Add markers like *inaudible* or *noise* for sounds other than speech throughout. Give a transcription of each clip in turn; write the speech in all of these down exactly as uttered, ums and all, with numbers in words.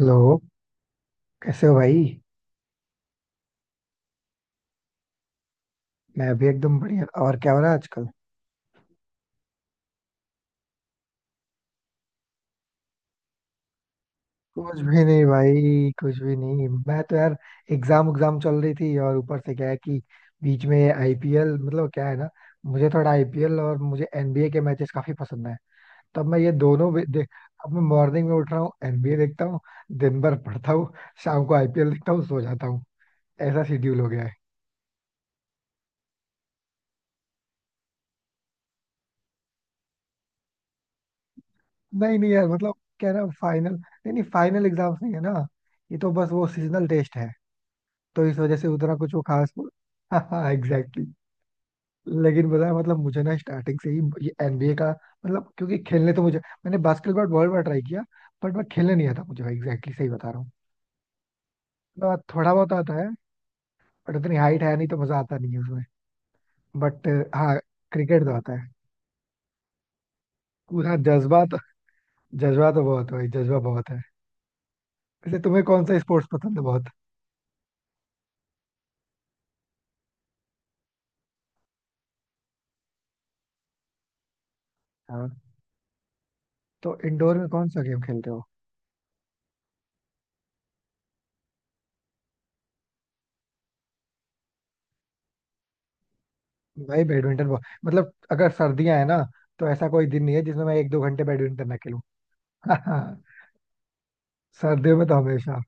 Hello. कैसे हो भाई? मैं अभी एकदम बढ़िया। और क्या हो रहा है आजकल? कुछ भी नहीं भाई, कुछ भी नहीं। मैं तो यार एग्जाम एग्जाम चल रही थी, और ऊपर से क्या है कि बीच में आईपीएल, मतलब क्या है ना, मुझे थोड़ा आईपीएल और मुझे एनबीए के मैचेस काफी पसंद है, तब मैं ये दोनों भी देख। अब मैं मॉर्निंग में उठ रहा हूँ एनबीए देखता हूँ, दिन भर पढ़ता हूँ, शाम को आईपीएल देखता हूँ, सो जाता हूँ। ऐसा शेड्यूल हो गया है। नहीं नहीं यार, मतलब क्या है ना, फाइनल नहीं नहीं, फाइनल एग्जाम्स नहीं है ना। ये तो बस वो सीजनल टेस्ट है, तो इस वजह से उतना कुछ वो खास *laughs* हाँ, एग्जैक्टली। लेकिन बताया, मतलब मुझे ना स्टार्टिंग से ही ये एनबीए का मतलब क्योंकि खेलने तो मुझे, मैंने बास्केटबॉल बहुत बार ट्राई किया, बट मैं खेलने नहीं आता मुझे, एग्जैक्टली सही बता रहा हूँ। मतलब थोड़ा बहुत आता है, बट इतनी हाइट है नहीं तो मजा आता नहीं है उसमें। बट हाँ, क्रिकेट तो आता है। पूरा जज्बा तो, जज्बा तो बहुत है भाई, जज्बा बहुत है। वैसे तुम्हें कौन सा स्पोर्ट्स पसंद है बहुत? हाँ, तो इंडोर में कौन सा गेम खेलते हो? भाई बैडमिंटन बहुत, मतलब अगर सर्दियां है ना, तो ऐसा कोई दिन नहीं है जिसमें मैं एक दो घंटे बैडमिंटन ना खेलूं। *laughs* सर्दियों में तो हमेशा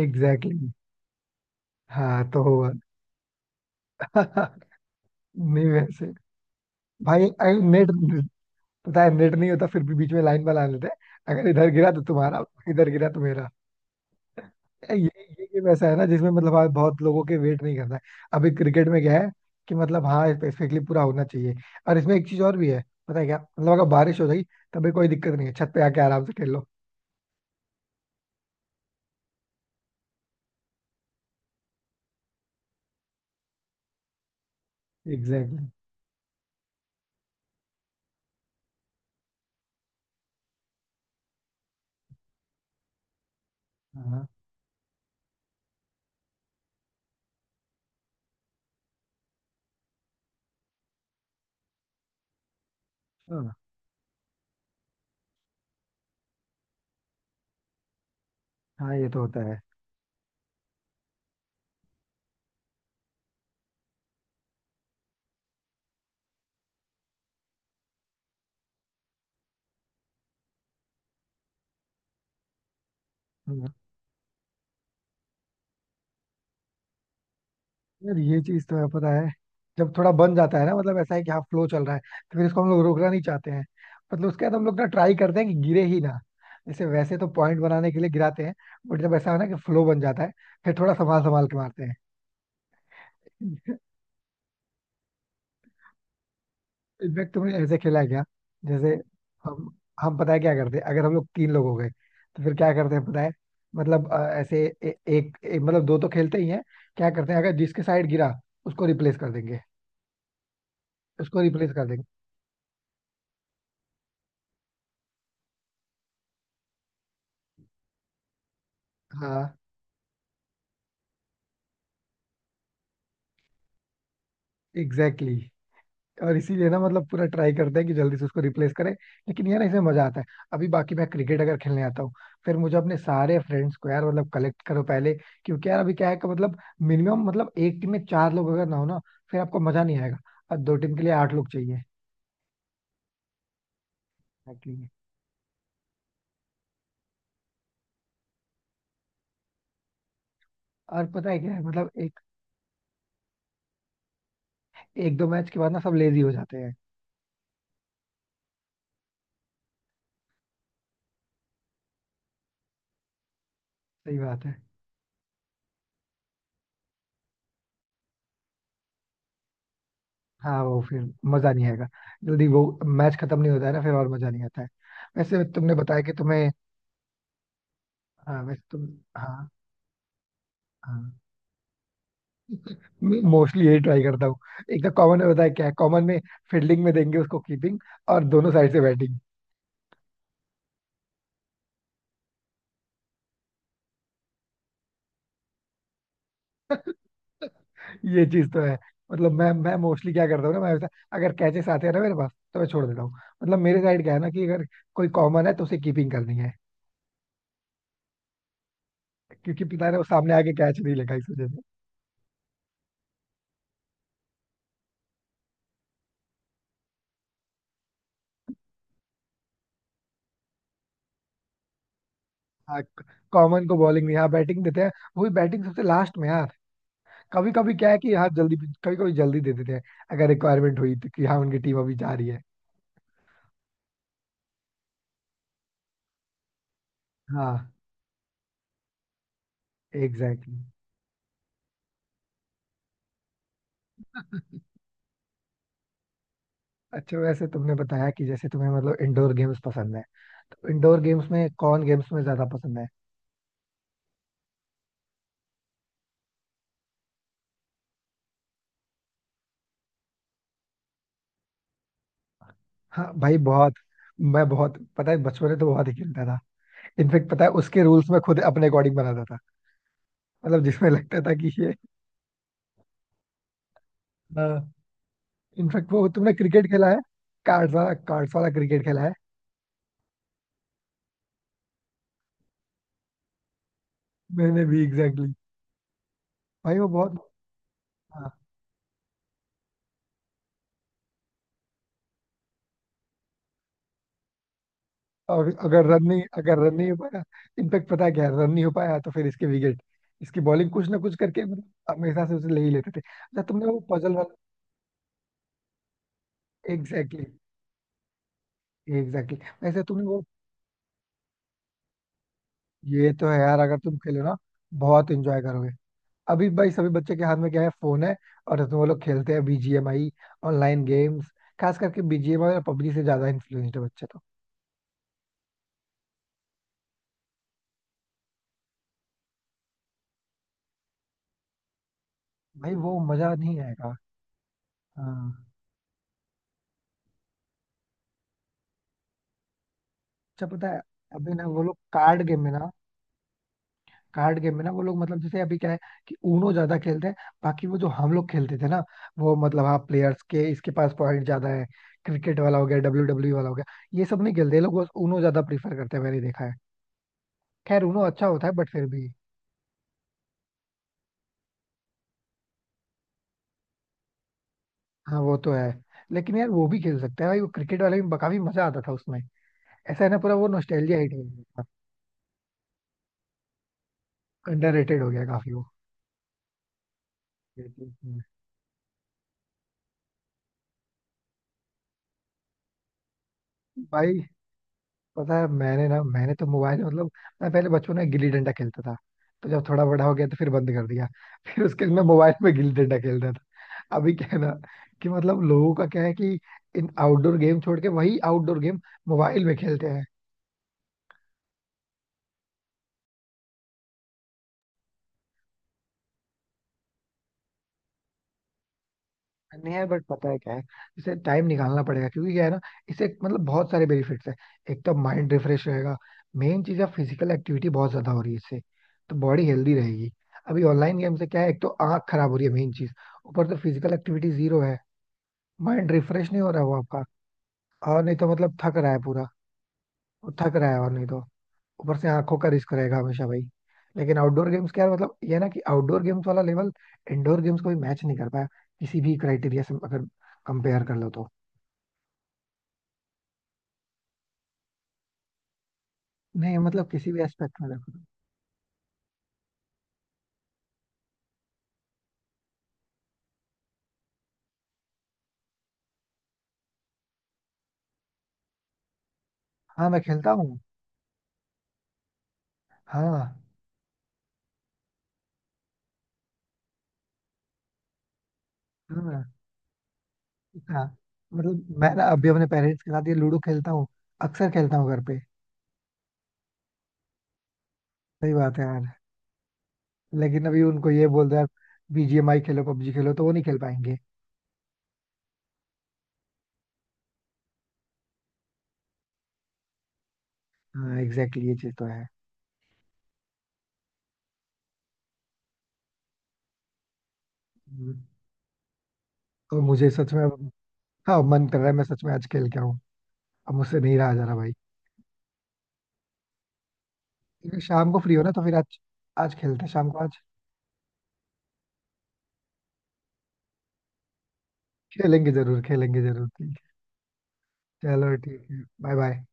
एग्जैक्टली exactly. हाँ तो हुआ। *laughs* नहीं, वैसे भाई नेट, पता है नेट नहीं होता फिर भी बीच में लाइन बना लेते हैं, अगर इधर गिरा तो तुम्हारा, इधर गिरा तो मेरा। ये ये गेम ऐसा है ना जिसमें, मतलब हाँ, बहुत लोगों के वेट नहीं करना है। अभी क्रिकेट में क्या है कि मतलब हाँ, स्पेसिफिकली पूरा होना चाहिए। और इसमें एक चीज और भी है, पता है क्या, मतलब अगर बारिश हो जाएगी तभी कोई दिक्कत नहीं है, छत पे आके आराम से खेल लो। एग्जैक्टली। हाँ हाँ। हाँ, ये तो होता है। हम्म, यार ये चीज तो है पता है, जब थोड़ा बन जाता है ना, मतलब ऐसा है कि हाँ फ्लो चल रहा है, तो फिर इसको हम लोग रोकना नहीं चाहते हैं। मतलब उसके बाद हम लोग ना ट्राई करते हैं कि गिरे ही ना, जैसे वैसे तो पॉइंट बनाने के लिए गिराते हैं। बट जब ऐसा हो ना कि फ्लो बन जाता है, फिर थोड़ा संभाल संभाल के मारते हैं। इनफैक्ट तुमने ऐसे खेला है क्या? जैसे हम हम पता है क्या करते हैं? अगर हम लोग तीन लोग हो गए तो फिर क्या करते हैं पता है, मतलब अ, ऐसे ए, एक, एक मतलब दो तो खेलते ही हैं। क्या करते हैं, अगर जिसके साइड गिरा उसको रिप्लेस कर देंगे, उसको रिप्लेस कर देंगे। हाँ, एग्जैक्टली। और इसीलिए ना, मतलब पूरा ट्राई करते हैं कि जल्दी से उसको रिप्लेस करें, लेकिन यार इसमें मजा आता है। अभी बाकी मैं क्रिकेट अगर खेलने आता हूँ, फिर मुझे अपने सारे फ्रेंड्स को यार मतलब कलेक्ट करो पहले। क्योंकि यार अभी क्या है कि मतलब मिनिमम, मतलब एक टीम में चार लोग अगर ना हो ना, फिर आपको मजा नहीं आएगा। और दो टीम के लिए आठ लोग चाहिए। Exactly. और पता है क्या है, मतलब एक एक दो मैच के बाद ना सब लेजी हो जाते हैं। सही बात है। हाँ, वो फिर मजा नहीं आएगा, जल्दी वो मैच खत्म नहीं होता है ना फिर, और मजा नहीं आता है। वैसे तुमने बताया कि तुम्हें, हाँ वैसे तुम, हाँ। हाँ, मोस्टली यही ट्राई करता हूँ। एक तो कॉमन में बताया क्या है, कॉमन में फील्डिंग में देंगे उसको, कीपिंग और दोनों साइड से बैटिंग। *laughs* ये चीज तो है। मतलब मैं मैं मोस्टली क्या करता हूँ ना, मैं वैसा अगर कैचेस आते हैं ना मेरे पास तो मैं छोड़ देता हूँ। मतलब मेरे साइड क्या है ना कि अगर कोई कॉमन है तो उसे कीपिंग करनी है, क्योंकि पता है वो सामने आके कैच नहीं लेगा इस वजह से। हाँ, कॉमन को बॉलिंग नहीं, हाँ बैटिंग देते हैं, वो भी बैटिंग सबसे लास्ट में यार। कभी कभी क्या है कि हाँ जल्दी, कभी कभी जल्दी दे देते हैं अगर रिक्वायरमेंट हुई तो, कि हाँ उनकी टीम अभी जा रही है। हाँ, एग्जैक्टली। अच्छा वैसे तुमने बताया कि जैसे तुम्हें मतलब इंडोर गेम्स पसंद है, तो इंडोर गेम्स में कौन गेम्स में ज्यादा पसंद है? हाँ भाई, बहुत। मैं बहुत, पता है बचपन में तो बहुत ही खेलता था। इनफेक्ट पता है उसके रूल्स में खुद अपने अकॉर्डिंग बनाता था, मतलब जिसमें लगता था कि ये हाँ, इनफैक्ट वो तुमने क्रिकेट खेला है कार्ड्स वाला कार्ड्स वाला क्रिकेट खेला है? मैंने भी एग्जैक्टली exactly. भाई वो बहुत। हाँ, और अगर रन नहीं अगर रन नहीं हो पाया, इनफैक्ट पता है क्या, रन नहीं हो पाया तो फिर इसके विकेट, इसकी बॉलिंग कुछ ना कुछ करके मतलब हमेशा से उसे ले ही लेते थे। अच्छा तुमने वो पजल, एग्जैक्टली, एग्जैक्टली। वैसे तुमने वो, ये तो है यार, अगर तुम खेलो ना बहुत एंजॉय करोगे। अभी भाई सभी बच्चे के हाथ में क्या है, फोन है, और उसमें वो लोग खेलते हैं बीजीएमआई, ऑनलाइन गेम्स, खास करके बीजीएमआई और पबजी से ज्यादा इन्फ्लुएंस्ड है बच्चे तो। भाई वो मजा नहीं आएगा। हाँ, अच्छा पता है, अभी ना वो लोग कार्ड गेम में ना, कार्ड गेम में ना, वो लोग मतलब जैसे अभी क्या है कि ऊनो ज्यादा खेलते हैं। बाकी वो जो हम लोग खेलते थे ना, वो मतलब हाँ, प्लेयर्स के इसके पास पॉइंट ज्यादा है, क्रिकेट वाला हो गया, डब्ल्यू डब्ल्यू वाला हो गया, ये सब नहीं खेलते ये लोग, बस ऊनो ज्यादा प्रीफर करते हैं, मैंने देखा है। खैर ऊनो अच्छा होता है बट फिर भी। हाँ वो तो है। लेकिन यार वो भी खेल सकते हैं भाई, वो क्रिकेट वाले में काफी मजा आता था उसमें। ऐसा है ना, पूरा वो नोस्टैल्जिया हिट हो गया। अंडररेटेड हो गया काफी वो। बिल्कुल। भाई पता है मैंने ना मैंने तो मोबाइल में, मतलब मैं पहले बचपन में गिल्ली डंडा खेलता था, तो जब थोड़ा बड़ा हो गया तो फिर बंद कर दिया *laughs* फिर उसके बाद मैं मोबाइल में गिल्ली डंडा खेलता था। अभी क्या है ना कि मतलब लोगों का क्या है कि इन आउटडोर गेम छोड़ के वही आउटडोर गेम मोबाइल में खेलते हैं। नहीं है, बट पता है क्या है, इसे टाइम निकालना पड़ेगा क्योंकि क्या है ना, इसे मतलब बहुत सारे बेनिफिट्स हैं। एक तो माइंड रिफ्रेश रहेगा, मेन चीज है, फिजिकल एक्टिविटी बहुत ज्यादा हो रही है इससे, तो बॉडी हेल्दी रहेगी। अभी ऑनलाइन गेम से क्या है, एक तो आंख खराब हो रही है, मेन चीज, ऊपर से फिजिकल एक्टिविटी जीरो है, माइंड रिफ्रेश नहीं हो रहा है वो आपका, और नहीं तो मतलब थक रहा है पूरा, वो थक रहा है, और नहीं तो ऊपर से आंखों का रिस्क रहेगा हमेशा भाई। लेकिन आउटडोर गेम्स क्या है, मतलब ये है ना कि आउटडोर गेम्स वाला लेवल इंडोर गेम्स को भी मैच नहीं कर पाया, किसी भी क्राइटेरिया से अगर कंपेयर कर लो तो। नहीं, मतलब किसी भी एस्पेक्ट में देखो तुम। हाँ मैं खेलता हूँ। हाँ, हाँ, हाँ। मतलब मैं ना अभी अपने पेरेंट्स के साथ ये लूडो खेलता हूँ, अक्सर खेलता हूँ घर पे। सही बात है यार। लेकिन अभी उनको ये बोल दो यार बीजीएमआई खेलो, पबजी खेलो, तो वो नहीं खेल पाएंगे। हाँ एग्जैक्टली, ये चीज तो है। हम्म। और मुझे सच में अब-, हाँ मन कर रहा है, मैं सच में आज खेल के आऊँ, अब मुझसे नहीं रहा जा रहा भाई। अगर शाम को फ्री हो ना तो फिर आज, आज खेलते हैं शाम को आज। खेलेंगे जरूर, खेलेंगे जरूर, ठीक है। चलो ठीक है, बाय बाय।